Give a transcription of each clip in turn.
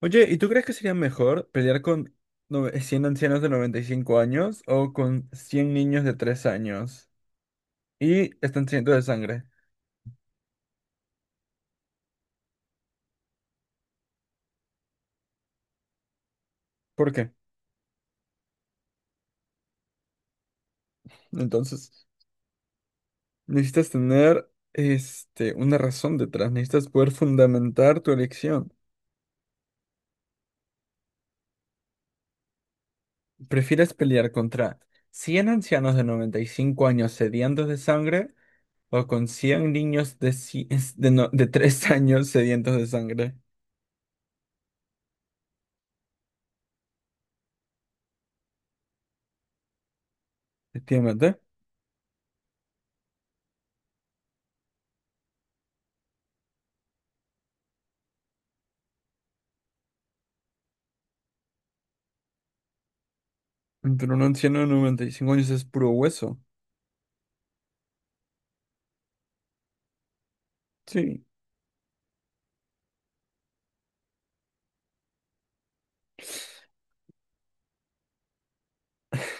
Oye, ¿y tú crees que sería mejor pelear con 100 ancianos de 95 años o con 100 niños de 3 años? Y están sedientos de sangre. ¿Por qué? Entonces, necesitas tener una razón detrás, necesitas poder fundamentar tu elección. ¿Prefieres pelear contra 100 ancianos de 95 años sedientos de sangre o con 100 niños de, ci- es- de, no- de 3 años sedientos de sangre? Efectivamente, pero un anciano de 95 años es puro hueso. Sí.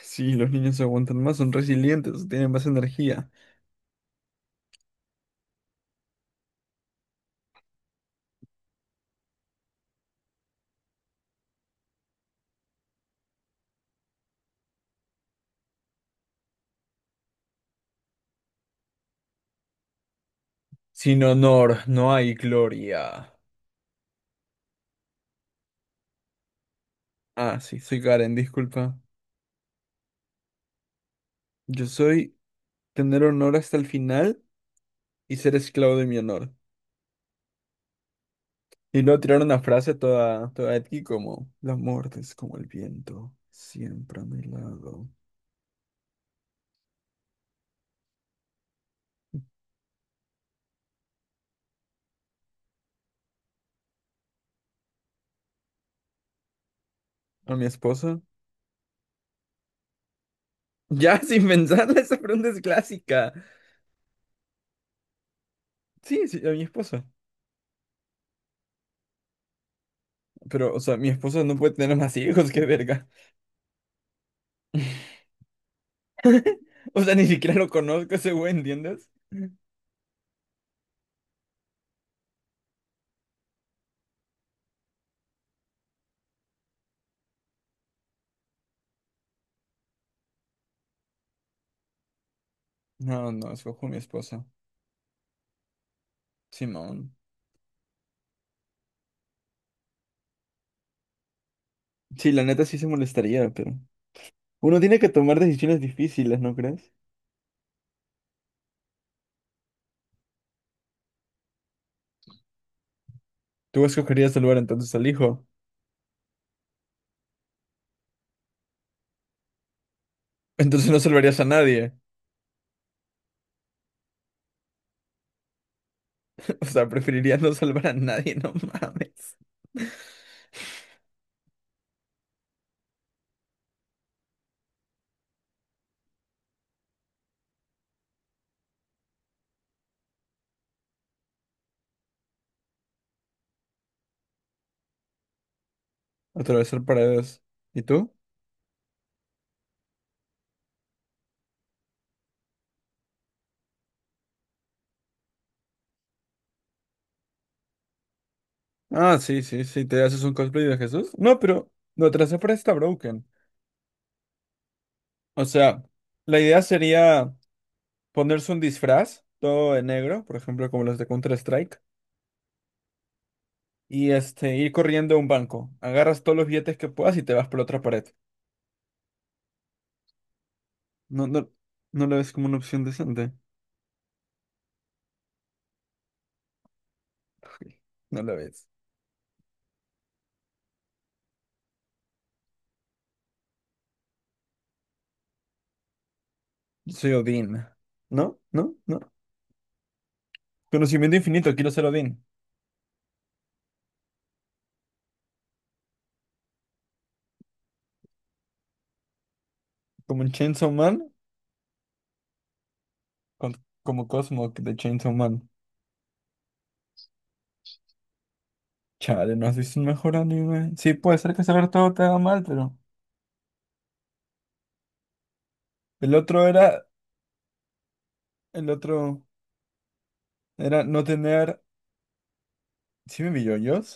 Sí, los niños se aguantan más, son resilientes, tienen más energía. Sin honor, no hay gloria. Ah, sí, soy Karen, disculpa. Yo soy tener honor hasta el final y ser esclavo de mi honor. Y luego tirar una frase toda, toda edgy como, la muerte es como el viento, siempre a mi lado. ¿A mi esposa? Ya, sin pensarla, esa pregunta es clásica. Sí, sí, a mi esposa. Pero, o sea, mi esposa no puede tener más hijos, qué verga. O sea, ni siquiera lo conozco ese güey, ¿entiendes? No, no, escojo a mi esposa. Simón. Sí, la neta sí se molestaría, pero... Uno tiene que tomar decisiones difíciles, ¿no crees? Tú escogerías salvar entonces al hijo. Entonces no salvarías a nadie. O sea, preferirías no salvar a nadie, no mames. Atravesar paredes. ¿Y tú? Ah, sí, sí, sí, te haces un cosplay de Jesús. No, pero lo trazé para está broken. O sea, la idea sería ponerse un disfraz todo de negro, por ejemplo, como los de Counter-Strike. Y ir corriendo a un banco. Agarras todos los billetes que puedas y te vas por la otra pared. No, no, no lo ves como una opción decente. No lo ves. Soy Odín. ¿No? ¿No? ¿No? Conocimiento infinito, quiero ser Odín. Como en Chainsaw Man, con- como Cosmo de Chainsaw Man. Chale, ¿no has visto un mejor anime? Sí, puede ser que saber todo te haga mal, pero... El otro era... El otro era no tener... Sí me vi yoyos,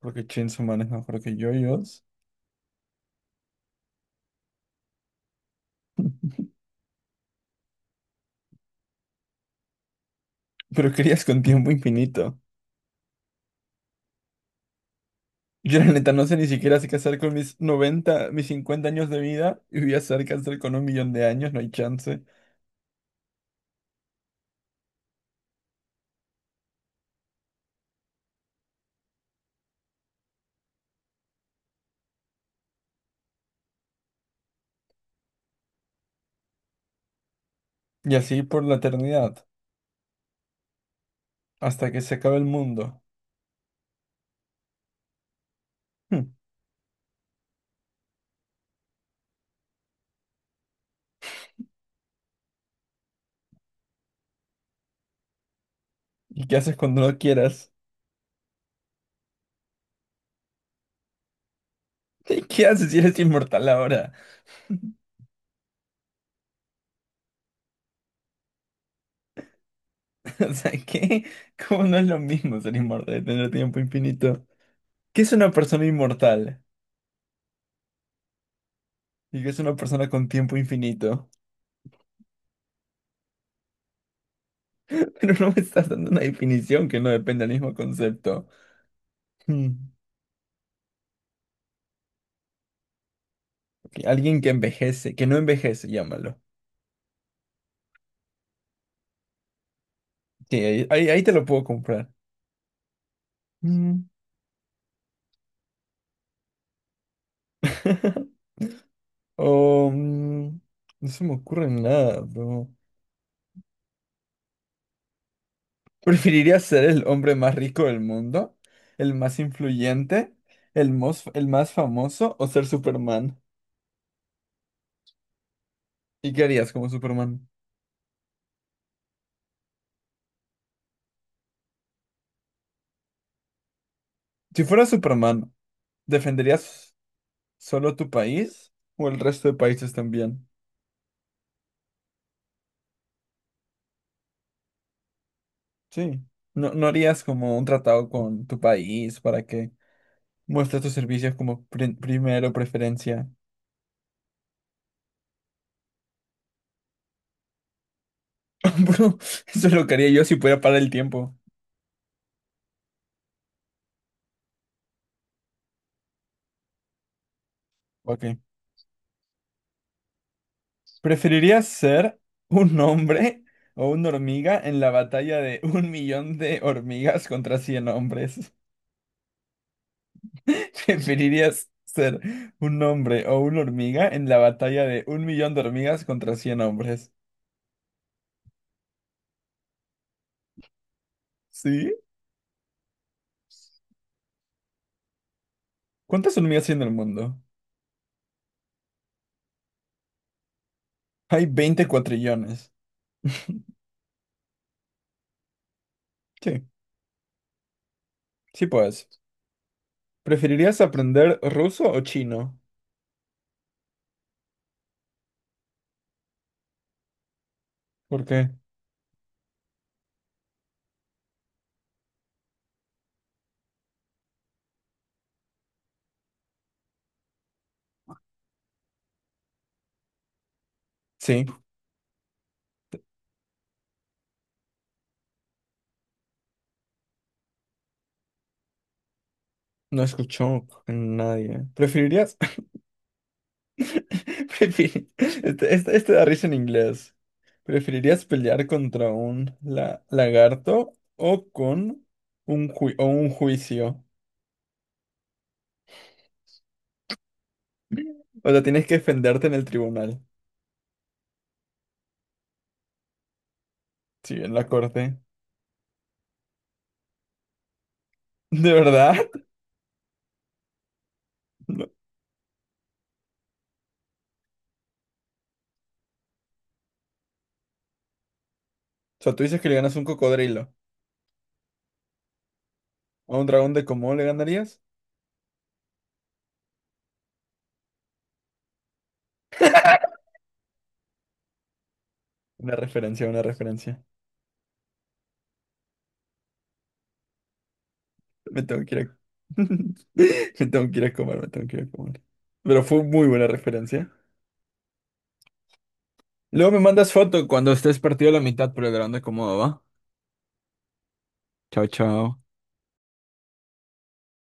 porque Chainsaw Man es mejor que yoyos. Pero querías con tiempo infinito. Yo la neta no sé ni siquiera sé qué hacer con mis 50 años de vida y voy a hacer qué hacer con 1 millón de años, no hay chance. Y así por la eternidad, hasta que se acabe el mundo. Hm. ¿Y qué haces cuando no quieras? ¿Qué haces si eres inmortal ahora? O sea, ¿qué? ¿Cómo no es lo mismo ser inmortal y tener tiempo infinito? ¿Qué es una persona inmortal? ¿Y qué es una persona con tiempo infinito? Pero no me estás dando una definición que no depende del mismo concepto. Hmm. Alguien que envejece, que no envejece, llámalo. Sí, ahí te lo puedo comprar. Mm. Oh, no se me ocurre nada, bro. ¿Preferirías ser el hombre más rico del mundo? ¿El más influyente? ¿El más, el más, famoso? ¿O ser Superman? ¿Y qué harías como Superman? Si fueras Superman, ¿defenderías solo tu país o el resto de países también? Sí. ¿No, no harías como un tratado con tu país para que muestres tus servicios como primero preferencia? Bro, eso es lo que haría yo si pudiera parar el tiempo. Ok. ¿Preferirías ser un hombre o una hormiga en la batalla de un millón de hormigas contra 100 hombres? ¿Preferirías ser un hombre o una hormiga en la batalla de 1 millón de hormigas contra cien hombres? ¿Sí? ¿Cuántas hormigas hay en el mundo? Hay 20 cuatrillones. Sí, sí puedes. ¿Preferirías aprender ruso o chino? ¿Por qué? Sí. No escuchó a nadie. ¿Preferirías? Este da risa en inglés. ¿Preferirías pelear contra un lagarto o con un juicio? O sea, tienes que defenderte en el tribunal. Sí, en la corte. ¿De verdad? No. O sea, tú dices que le ganas a un cocodrilo. ¿A un dragón de cómo le ganarías? Una referencia, una referencia. Me tengo que ir a... Me tengo que ir a comer, me tengo que ir a comer. Pero fue muy buena referencia. Luego me mandas foto cuando estés partido a la mitad, pero grande cómo va. Chao, chao.